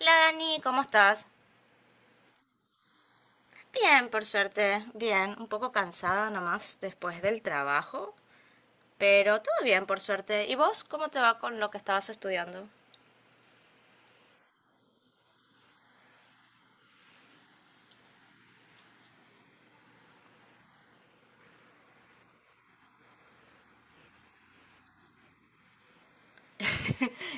Hola Dani, ¿cómo estás? Bien, por suerte, bien, un poco cansada nomás después del trabajo, pero todo bien, por suerte. ¿Y vos cómo te va con lo que estabas estudiando?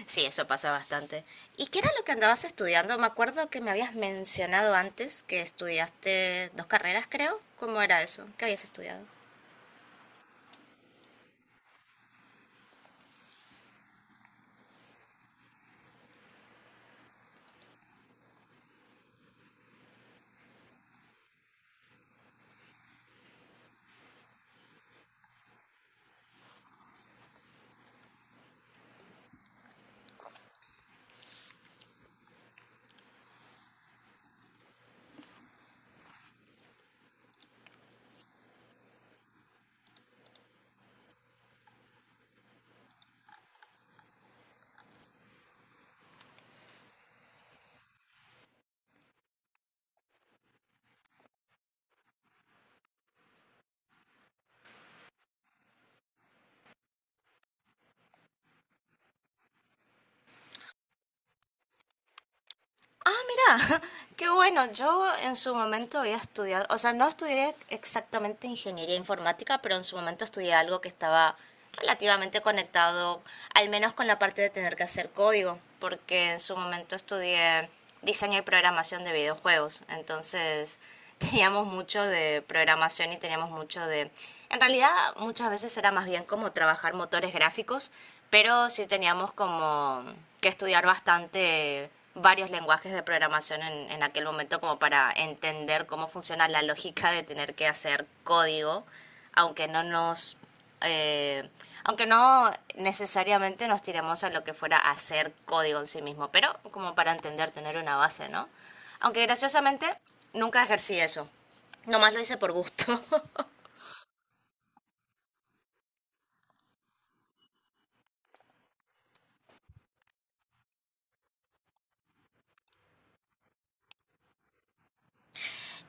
Sí, eso pasa bastante. ¿Y qué era lo que andabas estudiando? Me acuerdo que me habías mencionado antes que estudiaste dos carreras, creo. ¿Cómo era eso? ¿Qué habías estudiado? Ah, mira, qué bueno. Yo en su momento había estudiado, o sea, no estudié exactamente ingeniería informática, pero en su momento estudié algo que estaba relativamente conectado, al menos con la parte de tener que hacer código, porque en su momento estudié diseño y programación de videojuegos. Entonces, teníamos mucho de programación y teníamos mucho de... En realidad, muchas veces era más bien como trabajar motores gráficos, pero sí teníamos como que estudiar bastante varios lenguajes de programación en aquel momento como para entender cómo funciona la lógica de tener que hacer código, aunque no nos eh, aunque no necesariamente nos tiremos a lo que fuera a hacer código en sí mismo, pero como para entender, tener una base, ¿no? Aunque graciosamente nunca ejercí eso. Nomás lo hice por gusto.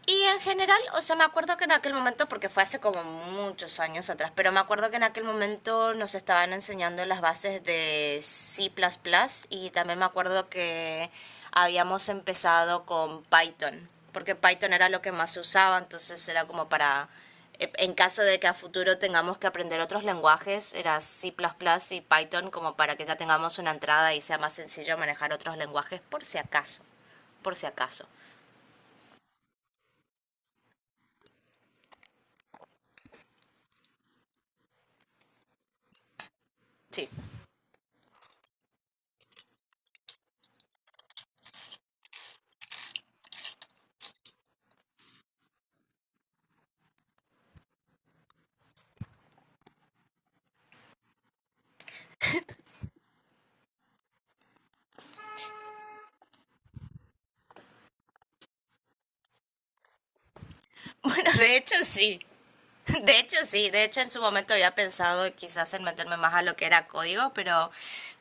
Y en general, o sea, me acuerdo que en aquel momento, porque fue hace como muchos años atrás, pero me acuerdo que en aquel momento nos estaban enseñando las bases de C++ plus plus, y también me acuerdo que habíamos empezado con Python, porque Python era lo que más se usaba, entonces era como para, en caso de que a futuro tengamos que aprender otros lenguajes, era C++ plus plus y Python como para que ya tengamos una entrada y sea más sencillo manejar otros lenguajes por si acaso, por si acaso. Sí. Bueno, de hecho sí. De hecho sí, de hecho en su momento había pensado quizás en meterme más a lo que era código, pero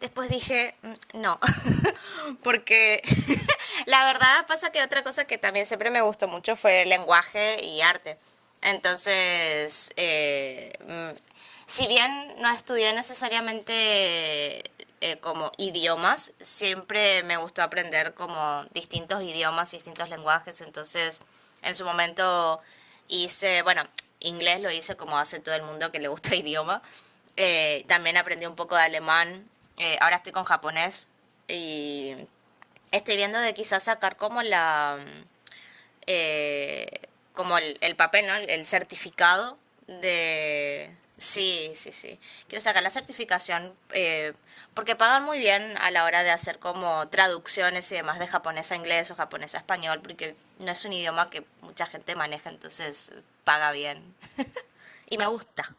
después dije: "Mm, no", porque la verdad pasa que otra cosa que también siempre me gustó mucho fue el lenguaje y arte. Entonces, mm, si bien no estudié necesariamente, como idiomas, siempre me gustó aprender como distintos idiomas, distintos lenguajes, entonces en su momento hice, bueno, inglés lo hice como hace todo el mundo que le gusta el idioma, también aprendí un poco de alemán, ahora estoy con japonés y estoy viendo de quizás sacar como la, eh, como el papel, ¿no? El certificado de... Sí, sí, sí. Quiero sacar la certificación, porque pagan muy bien a la hora de hacer como traducciones y demás de japonés a inglés o japonés a español, porque no es un idioma que mucha gente maneja, entonces paga bien. Y me gusta.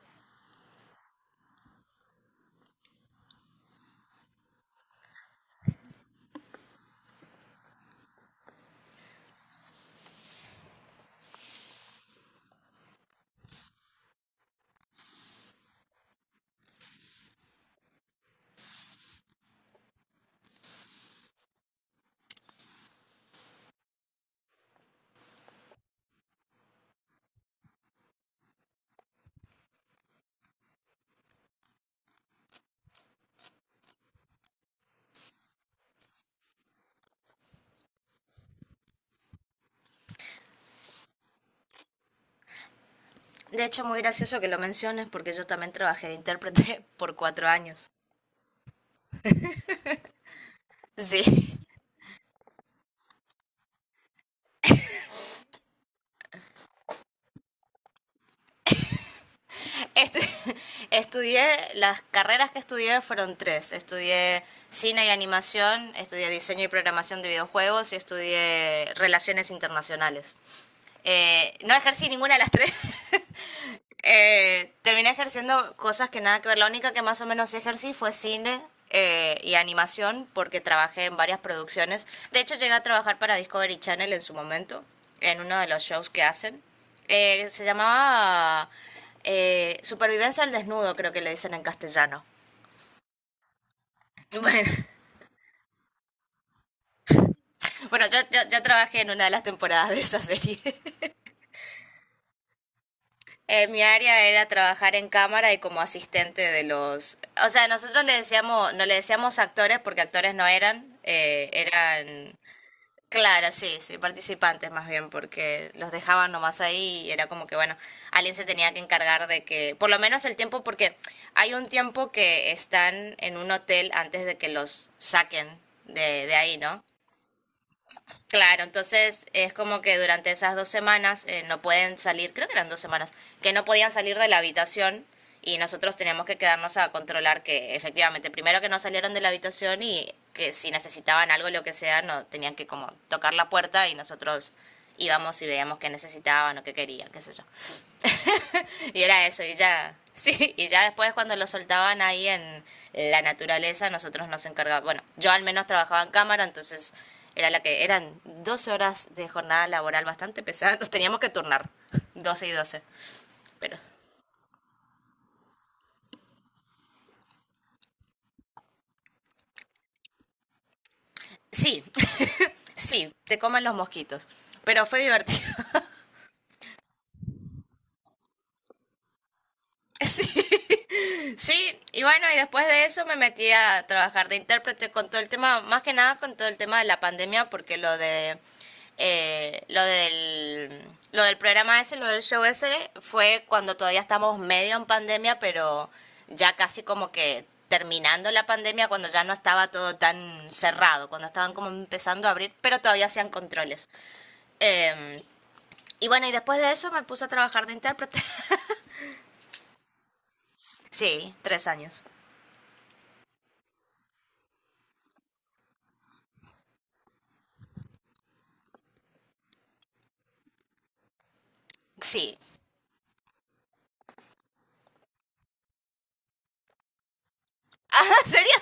De hecho, muy gracioso que lo menciones porque yo también trabajé de intérprete por 4 años. Sí. Estu- estudié, las carreras que estudié fueron tres. Estudié cine y animación, estudié diseño y programación de videojuegos y estudié relaciones internacionales. No ejercí ninguna de las tres, terminé ejerciendo cosas que nada que ver. La única que más o menos sí ejercí fue cine, y animación, porque trabajé en varias producciones. De hecho, llegué a trabajar para Discovery Channel en su momento, en uno de los shows que hacen. Se llamaba, Supervivencia al Desnudo, creo que le dicen en castellano. Bueno, yo trabajé en una de las temporadas de esa serie. Mi área era trabajar en cámara y como asistente de los... O sea, nosotros le decíamos, no le decíamos actores, porque actores no eran, eran... Claro, sí, sí, participantes más bien, porque los dejaban nomás ahí y era como que, bueno, alguien se tenía que encargar de que, por lo menos el tiempo, porque hay un tiempo que están en un hotel antes de que los saquen de ahí, ¿no? Claro, entonces es como que durante esas dos semanas, no pueden salir, creo que eran dos semanas, que no podían salir de la habitación, y nosotros teníamos que quedarnos a controlar que efectivamente, primero que no salieron de la habitación, y que si necesitaban algo, lo que sea, no tenían que como tocar la puerta y nosotros íbamos y veíamos qué necesitaban o qué querían, qué sé yo. Y era eso, y ya. Sí, y ya después, cuando lo soltaban ahí en la naturaleza, nosotros nos encargábamos. Bueno, yo al menos trabajaba en cámara, entonces era la que eran 12 horas de jornada laboral bastante pesada. Nos teníamos que turnar, 12 y doce. Pero sí, sí, te comen los mosquitos. Pero fue divertido. Sí, y bueno, y después de eso me metí a trabajar de intérprete con todo el tema, más que nada con todo el tema de la pandemia, porque eh, lo del lo del programa ese, lo del show ese, fue cuando todavía estamos medio en pandemia, pero ya casi como que terminando la pandemia, cuando ya no estaba todo tan cerrado, cuando estaban como empezando a abrir, pero todavía hacían controles. Eh, y bueno, y después de eso me puse a trabajar de intérprete. Sí, tres años. Sí. ¿Sería?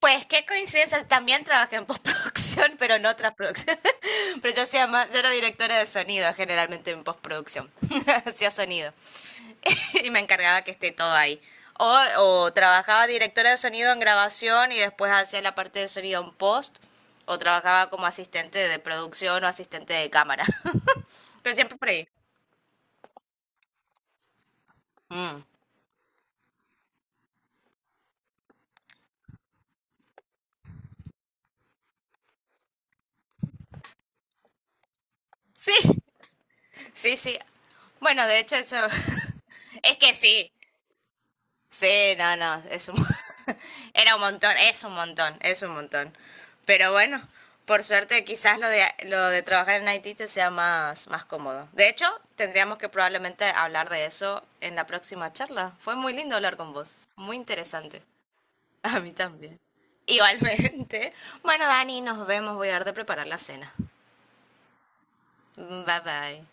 Pues qué coincidencia, también trabajé en postproducción, pero en otras producciones. Pero yo era directora de sonido, generalmente en postproducción. Hacía sonido. Y me encargaba que esté todo ahí. O trabajaba directora de sonido en grabación y después hacía la parte de sonido en post. O trabajaba como asistente de producción o asistente de cámara. Pero siempre por ahí. Mm. Sí, sí, sí. Bueno, de hecho eso... es que sí. Sí, no, no, es un... era un montón, es un montón, es un montón. Pero bueno, por suerte quizás lo de, trabajar en Haití te sea más, más cómodo. De hecho, tendríamos que probablemente hablar de eso en la próxima charla. Fue muy lindo hablar con vos, muy interesante. A mí también. Igualmente. Bueno, Dani, nos vemos, voy a dar de preparar la cena. Bye bye.